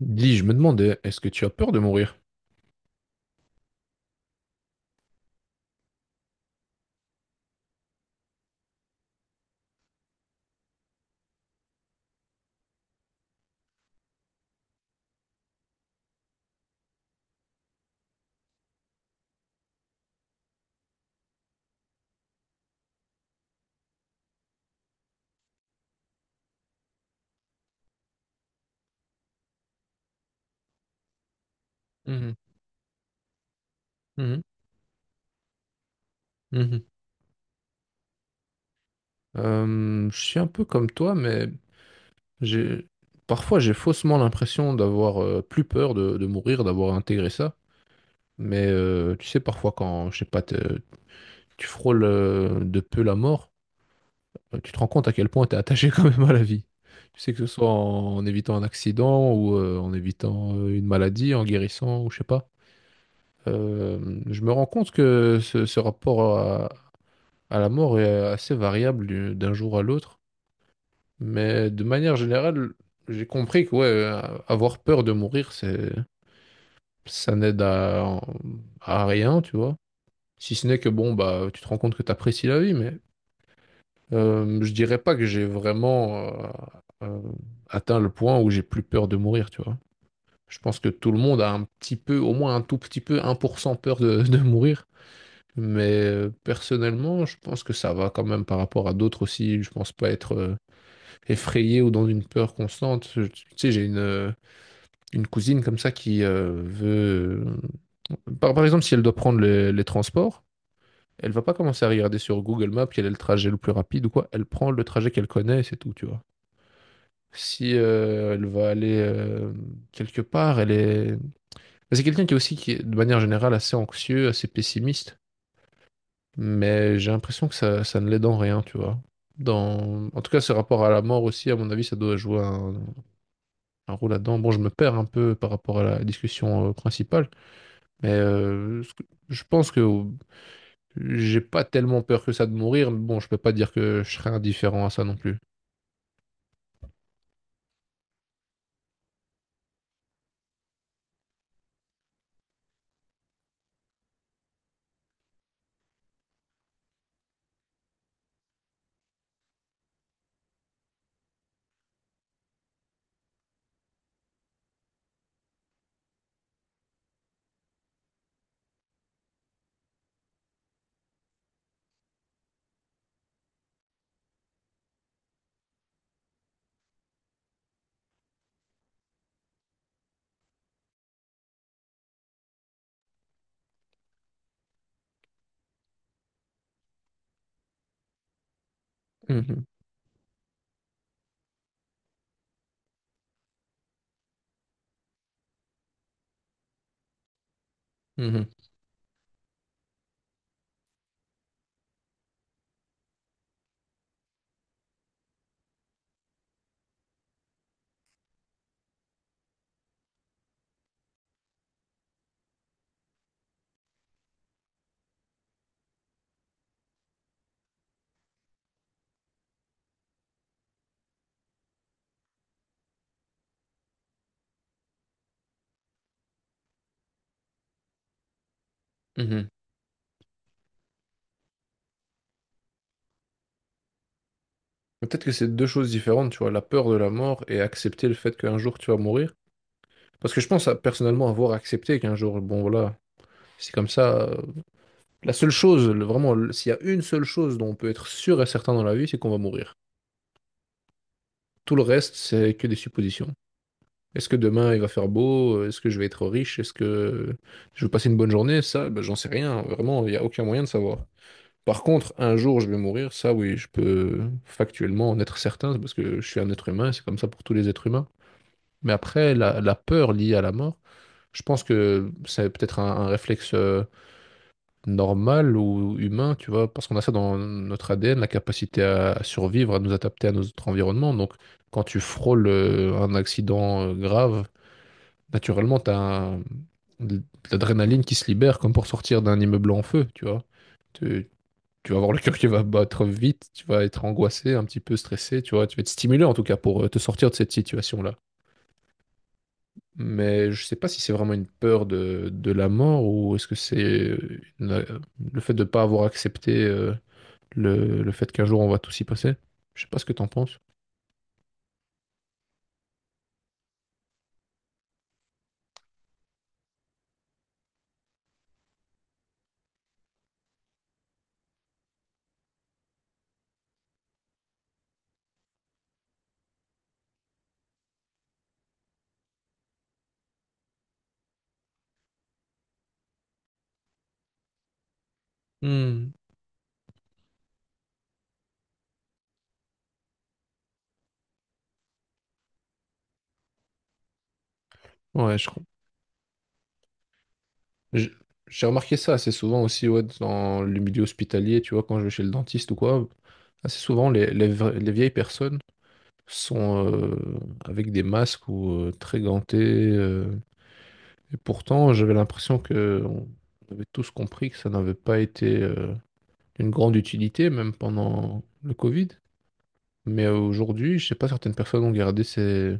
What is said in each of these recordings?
Dis, je me demandais, est-ce que tu as peur de mourir? Mhm, mhm, mhm. Je suis un peu comme toi, mais j'ai parfois j'ai faussement l'impression d'avoir plus peur de mourir, d'avoir intégré ça. Mais tu sais, parfois quand, je sais pas, tu frôles de peu la mort, tu te rends compte à quel point tu es attaché quand même à la vie. Tu sais que ce soit en évitant un accident ou en évitant une maladie, en guérissant ou je sais pas. Je me rends compte que ce rapport Ah, la mort est assez variable d'un jour à l'autre, mais de manière générale, j'ai compris que ouais, avoir peur de mourir, c'est ça n'aide à rien, tu vois. Si ce n'est que bon, bah tu te rends compte que tu apprécies la vie, mais je dirais pas que j'ai vraiment euh, atteint le point où j'ai plus peur de mourir, tu vois. Je pense que tout le monde a un petit peu, au moins un tout petit peu, un pour cent peur de mourir. Mais personnellement, je pense que ça va quand même par rapport à d'autres aussi. Je pense pas être effrayé ou dans une peur constante. Tu sais, j'ai une cousine comme ça qui, par exemple, si elle doit prendre les transports, elle va pas commencer à regarder sur Google Maps quel est le trajet le plus rapide ou quoi. Elle prend le trajet qu'elle connaît et c'est tout, tu vois. Si elle va aller quelque part, elle est... bah, c'est quelqu'un qui est aussi, qui est, de manière générale, assez anxieux, assez pessimiste. Mais j'ai l'impression que ça ne l'aide en rien, tu vois. Dans... En tout cas, ce rapport à la mort aussi, à mon avis, ça doit jouer un rôle là-dedans. Bon, je me perds un peu par rapport à la discussion principale, mais je pense que j'ai pas tellement peur que ça de mourir, mais bon, je peux pas dire que je serais indifférent à ça non plus. Mhm, mhm, mhm. Peut-être que c'est deux choses différentes, tu vois, la peur de la mort et accepter le fait qu'un jour tu vas mourir. Parce que je pense personnellement avoir accepté qu'un jour, bon voilà, c'est comme ça. La seule chose, vraiment, s'il y a une seule chose dont on peut être sûr et certain dans la vie, c'est qu'on va mourir. Tout le reste, c'est que des suppositions. Est-ce que demain il va faire beau? Est-ce que je vais être riche? Est-ce que je vais passer une bonne journée? Ça, ben, j'en sais rien. Vraiment, il n'y a aucun moyen de savoir. Par contre, un jour je vais mourir, ça oui, je peux factuellement en être certain, c'est parce que je suis un être humain, c'est comme ça pour tous les êtres humains. Mais après, la peur liée à la mort, je pense que c'est peut-être un réflexe normal ou humain, tu vois, parce qu'on a ça dans notre ADN, la capacité à survivre, à nous adapter à notre environnement. Donc, quand tu frôles un accident grave, naturellement, tu as de l'adrénaline qui se libère, comme pour sortir d'un immeuble en feu, tu vois. Tu, tu vas avoir le cœur qui va battre vite, tu vas être angoissé, un petit peu stressé, tu vois. Tu vas être stimulé, en tout cas, pour te sortir de cette situation-là. Mais je sais pas si c'est vraiment une peur de la mort ou est-ce que c'est le fait de ne pas avoir accepté le fait qu'un jour on va tous y passer. Je sais pas ce que t'en penses. Hmm. Ouais, je crois. je- J'ai remarqué ça assez souvent aussi ouais, dans le milieu hospitalier, tu vois, quand je vais chez le dentiste ou quoi. Assez souvent, les vieilles personnes sont avec des masques ou très gantées, et pourtant, j'avais l'impression que on avait tous compris que ça n'avait pas été d'une grande utilité, même pendant le Covid. Mais aujourd'hui, je sais pas, certaines personnes ont gardé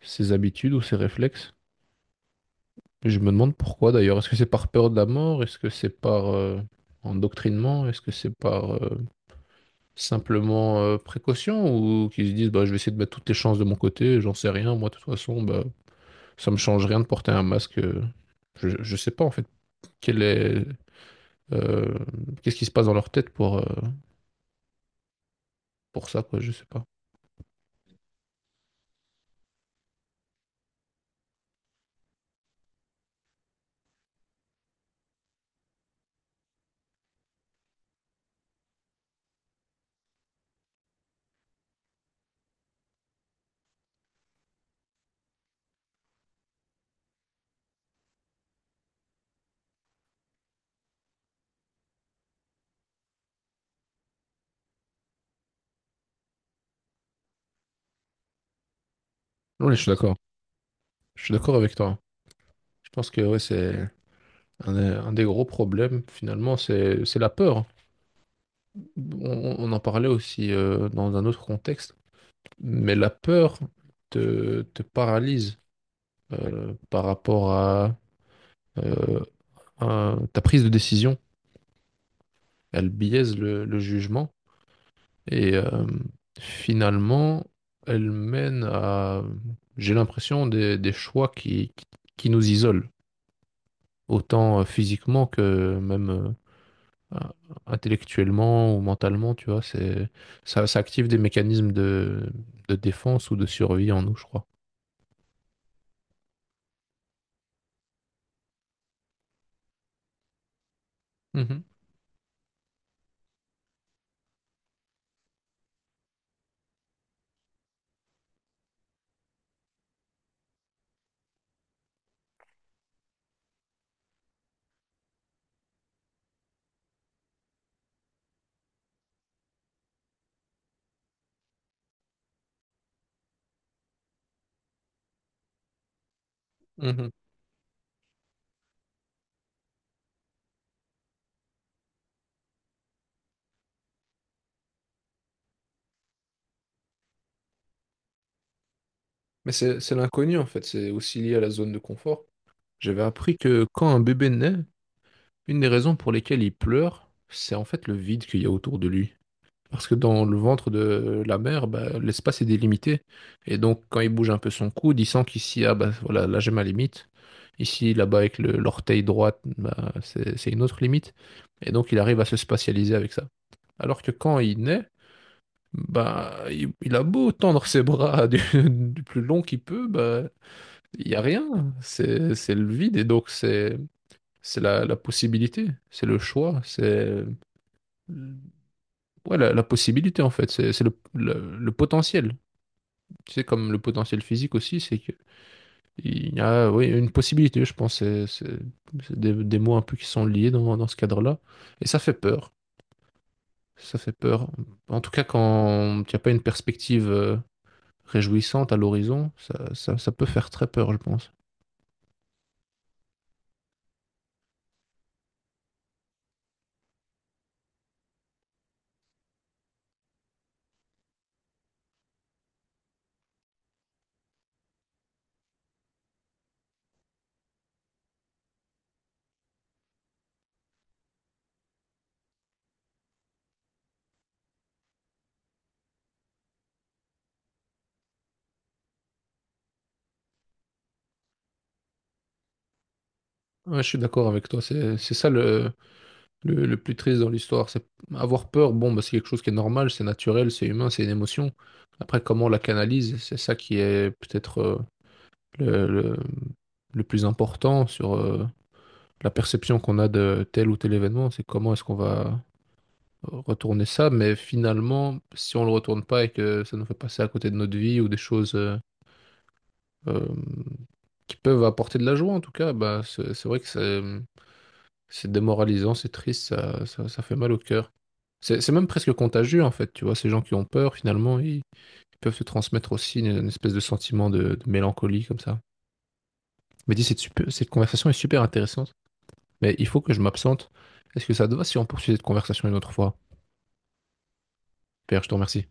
ces habitudes ou ces réflexes. Je me demande pourquoi d'ailleurs. Est-ce que c'est par peur de la mort? Est-ce que c'est par endoctrinement? Est-ce que c'est par simplement précaution? Ou qu'ils se disent bah, je vais essayer de mettre toutes les chances de mon côté, j'en sais rien. Moi, de toute façon, bah, ça me change rien de porter un masque. Je sais pas en fait quel est euh, qu'est-ce qui se passe dans leur tête pour ça, quoi, je sais pas. Non, mais je suis d'accord. Je suis d'accord avec toi. Je pense que ouais, c'est un des gros problèmes finalement, c'est la peur. On en parlait aussi dans un autre contexte, mais la peur te paralyse par rapport euh, à ta prise de décision. Elle biaise le jugement et finalement, elle mène à, j'ai l'impression, des choix qui nous isolent, autant physiquement que même euh, intellectuellement ou mentalement, tu vois, ça active des mécanismes de défense ou de survie en nous, je crois. Mhm, mhm. Mais c'est l'inconnu en fait, c'est aussi lié à la zone de confort. J'avais appris que quand un bébé naît, une des raisons pour lesquelles il pleure, c'est en fait le vide qu'il y a autour de lui. Parce que dans le ventre de la mère, bah, l'espace est délimité. Et donc, quand il bouge un peu son coude, il sent qu'ici, ah bah voilà, là j'ai ma limite. Ici, là-bas, avec l'orteil droite, bah, c'est une autre limite. Et donc, il arrive à se spatialiser avec ça. Alors que quand il naît, bah, il a beau tendre ses bras du, du plus long qu'il peut, bah, il n'y a rien. C'est le vide. Et donc, c'est la possibilité, c'est le choix, c'est ouais, la possibilité en fait, c'est le potentiel. Tu sais, comme le potentiel physique aussi, c'est qu'il y a oui, une possibilité, je pense. C'est des mots un peu qui sont liés dans ce cadre-là. Et ça fait peur. Ça fait peur. En tout cas, quand tu n'as pas une perspective réjouissante à l'horizon, ça peut faire très peur, je pense. Ouais, je suis d'accord avec toi. C'est ça, le le plus triste dans l'histoire, c'est avoir peur. Bon, bah, c'est quelque chose qui est normal, c'est naturel, c'est humain, c'est une émotion. Après, comment on la canalise, c'est ça qui est peut-être le, le- le plus important sur la perception qu'on a de tel ou tel événement. C'est comment est-ce qu'on va retourner ça. Mais finalement, si on le retourne pas et que ça nous fait passer à côté de notre vie ou des choses euh, qui peuvent apporter de la joie, en tout cas, bah, c'est vrai que c'est démoralisant, c'est triste, ça fait mal au cœur. C'est même presque contagieux en fait, tu vois, ces gens qui ont peur finalement, ils peuvent se transmettre aussi une espèce de sentiment de mélancolie comme ça. Mais dis, cette conversation est super intéressante, mais il faut que je m'absente. Est-ce que ça te va si on poursuit cette conversation une autre fois? Pierre, je te remercie.